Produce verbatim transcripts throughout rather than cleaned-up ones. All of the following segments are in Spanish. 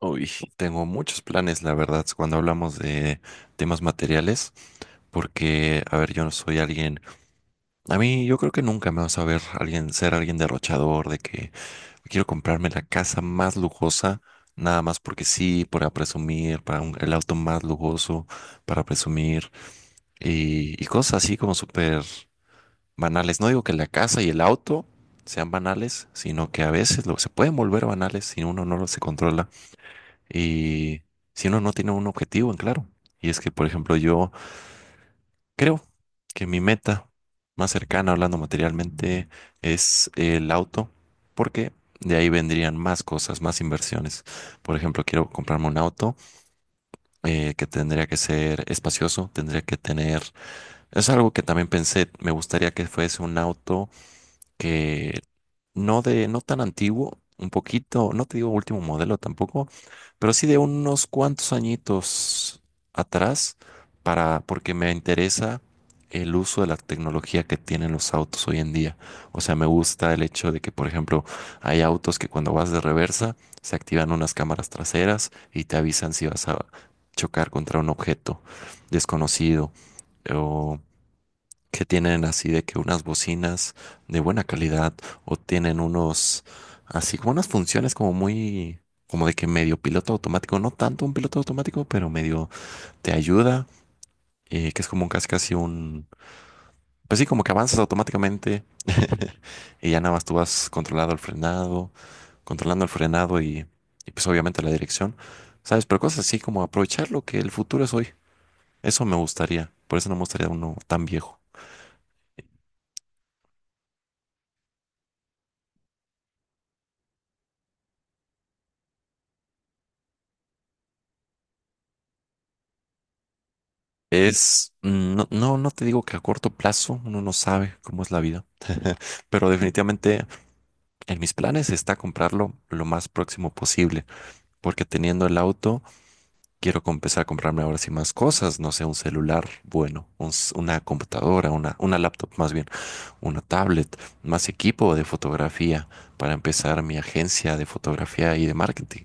Uy, tengo muchos planes, la verdad. Cuando hablamos de temas materiales, porque, a ver, yo no soy alguien, a mí yo creo que nunca me vas a ver alguien ser alguien derrochador, de que quiero comprarme la casa más lujosa, nada más porque sí, para presumir, para un- el auto más lujoso, para presumir, y, y cosas así como súper banales. No digo que la casa y el auto sean banales, sino que a veces lo, se pueden volver banales si uno no lo se controla. Y si uno no tiene un objetivo en claro, y es que, por ejemplo, yo creo que mi meta más cercana, hablando materialmente, es el auto, porque de ahí vendrían más cosas, más inversiones. Por ejemplo, quiero comprarme un auto eh, que tendría que ser espacioso, tendría que tener... Es algo que también pensé, me gustaría que fuese un auto que no de, no tan antiguo, un poquito, no te digo último modelo tampoco, pero sí de unos cuantos añitos atrás, para, porque me interesa el uso de la tecnología que tienen los autos hoy en día. O sea, me gusta el hecho de que, por ejemplo, hay autos que cuando vas de reversa se activan unas cámaras traseras y te avisan si vas a chocar contra un objeto desconocido, o que tienen así de que unas bocinas de buena calidad, o tienen unos así como unas funciones como muy como de que medio piloto automático, no tanto un piloto automático, pero medio te ayuda, eh, que es como un casi casi un, pues sí, como que avanzas automáticamente y ya nada más tú vas controlando el frenado, controlando el frenado y, y pues obviamente la dirección, ¿sabes? Pero cosas así como aprovechar lo que el futuro es hoy. Eso me gustaría, por eso no me gustaría uno tan viejo. Es, mm, no, no, no te digo que a corto plazo, uno no sabe cómo es la vida, pero definitivamente en mis planes está comprarlo lo más próximo posible, porque teniendo el auto quiero com- empezar a comprarme ahora sí más cosas, no sé, un celular bueno, un s- una computadora, una, una laptop más bien, una tablet, más equipo de fotografía para empezar mi agencia de fotografía y de marketing,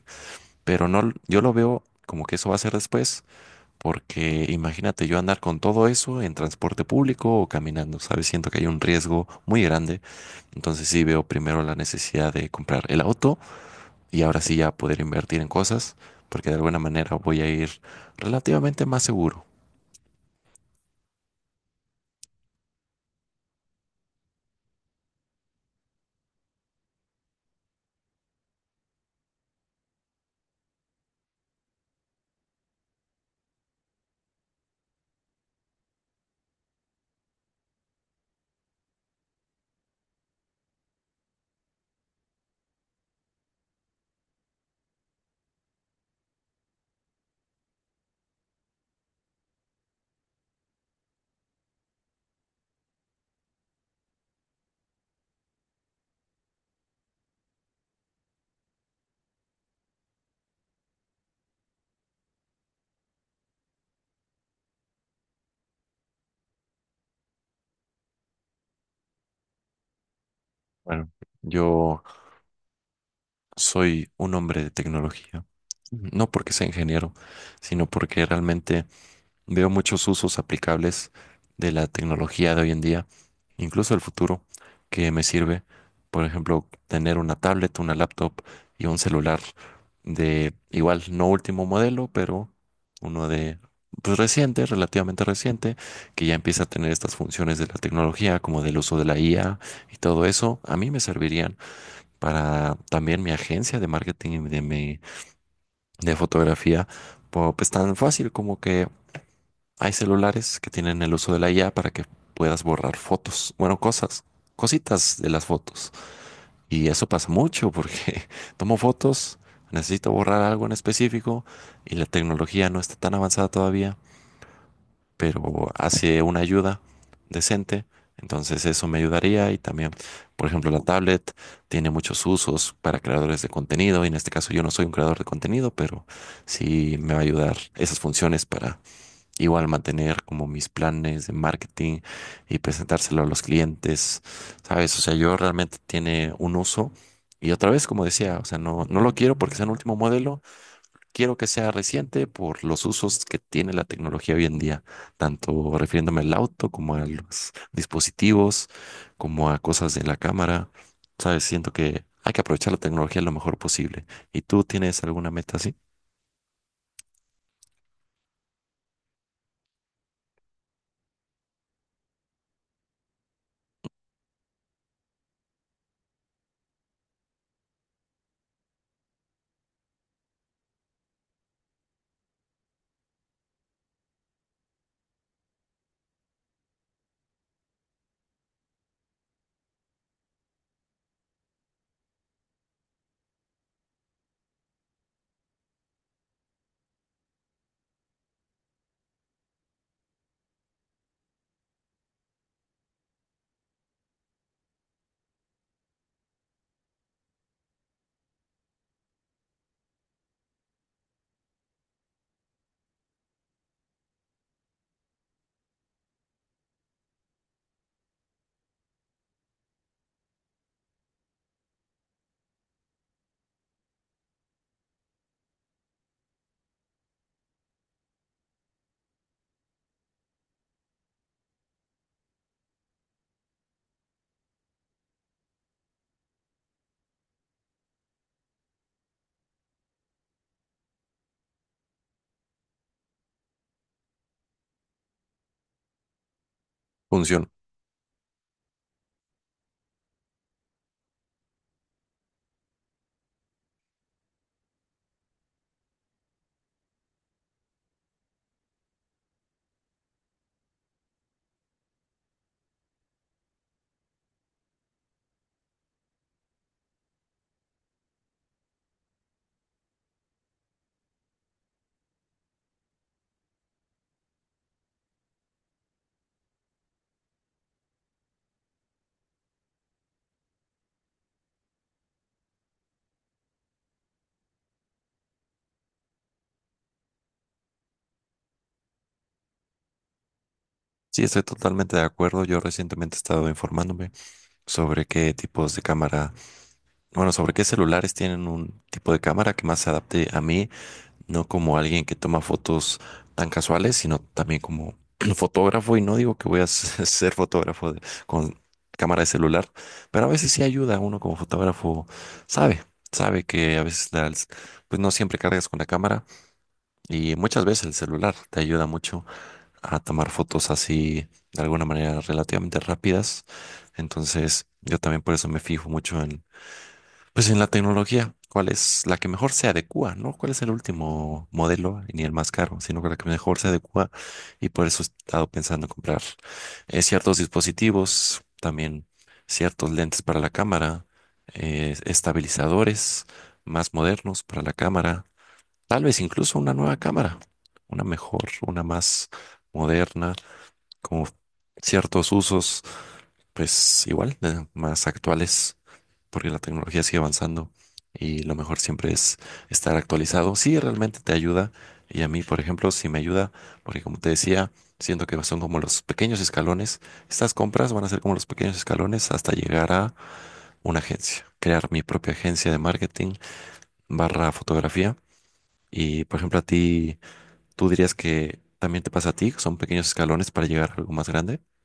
pero no, yo lo veo como que eso va a ser después. Porque imagínate yo andar con todo eso en transporte público o caminando, ¿sabes? Siento que hay un riesgo muy grande. Entonces sí veo primero la necesidad de comprar el auto y ahora sí ya poder invertir en cosas, porque de alguna manera voy a ir relativamente más seguro. Bueno, yo soy un hombre de tecnología, no porque sea ingeniero, sino porque realmente veo muchos usos aplicables de la tecnología de hoy en día, incluso el futuro, que me sirve, por ejemplo, tener una tablet, una laptop y un celular de igual, no último modelo, pero uno de, pues, reciente, relativamente reciente, que ya empieza a tener estas funciones de la tecnología, como del uso de la I A y todo eso. A mí me servirían para también mi agencia de marketing y de mi de fotografía. Po- pues tan fácil como que hay celulares que tienen el uso de la I A para que puedas borrar fotos, bueno, cosas, cositas de las fotos. Y eso pasa mucho porque tomo fotos, necesito borrar algo en específico y la tecnología no está tan avanzada todavía, pero hace una ayuda decente. Entonces eso me ayudaría y también, por ejemplo, la tablet tiene muchos usos para creadores de contenido, y en este caso yo no soy un creador de contenido, pero sí me va a ayudar esas funciones para igual mantener como mis planes de marketing y presentárselo a los clientes, ¿sabes? O sea, yo realmente tiene un uso. Y otra vez, como decía, o sea, no, no lo quiero porque sea un último modelo, quiero que sea reciente por los usos que tiene la tecnología hoy en día, tanto refiriéndome al auto como a los dispositivos, como a cosas de la cámara, ¿sabes? Siento que hay que aprovechar la tecnología lo mejor posible. ¿Y tú tienes alguna meta así? Función. Sí, estoy totalmente de acuerdo. Yo recientemente he estado informándome sobre qué tipos de cámara, bueno, sobre qué celulares tienen un tipo de cámara que más se adapte a mí, no como alguien que toma fotos tan casuales, sino también como fotógrafo. Y no digo que voy a ser fotógrafo de- con cámara de celular, pero a veces sí ayuda. Uno como fotógrafo sabe, sabe que a veces las- pues no siempre cargas con la cámara y muchas veces el celular te ayuda mucho a tomar fotos así de alguna manera relativamente rápidas. Entonces, yo también por eso me fijo mucho en, pues en la tecnología, cuál es la que mejor se adecua, ¿no? ¿Cuál es el último modelo? Y ni el más caro, sino que la que mejor se adecua, y por eso he estado pensando en comprar, eh, ciertos dispositivos, también ciertos lentes para la cámara, eh, estabilizadores más modernos para la cámara, tal vez incluso una nueva cámara, una mejor, una más moderna, como ciertos usos, pues igual, eh, más actuales, porque la tecnología sigue avanzando y lo mejor siempre es estar actualizado. Sí, realmente te ayuda, y a mí, por ejemplo, sí me ayuda, porque como te decía, siento que son como los pequeños escalones. Estas compras van a ser como los pequeños escalones hasta llegar a una agencia, crear mi propia agencia de marketing barra fotografía. Y, por ejemplo, a ti, tú dirías que también te pasa a ti, que son pequeños escalones para llegar a algo más grande.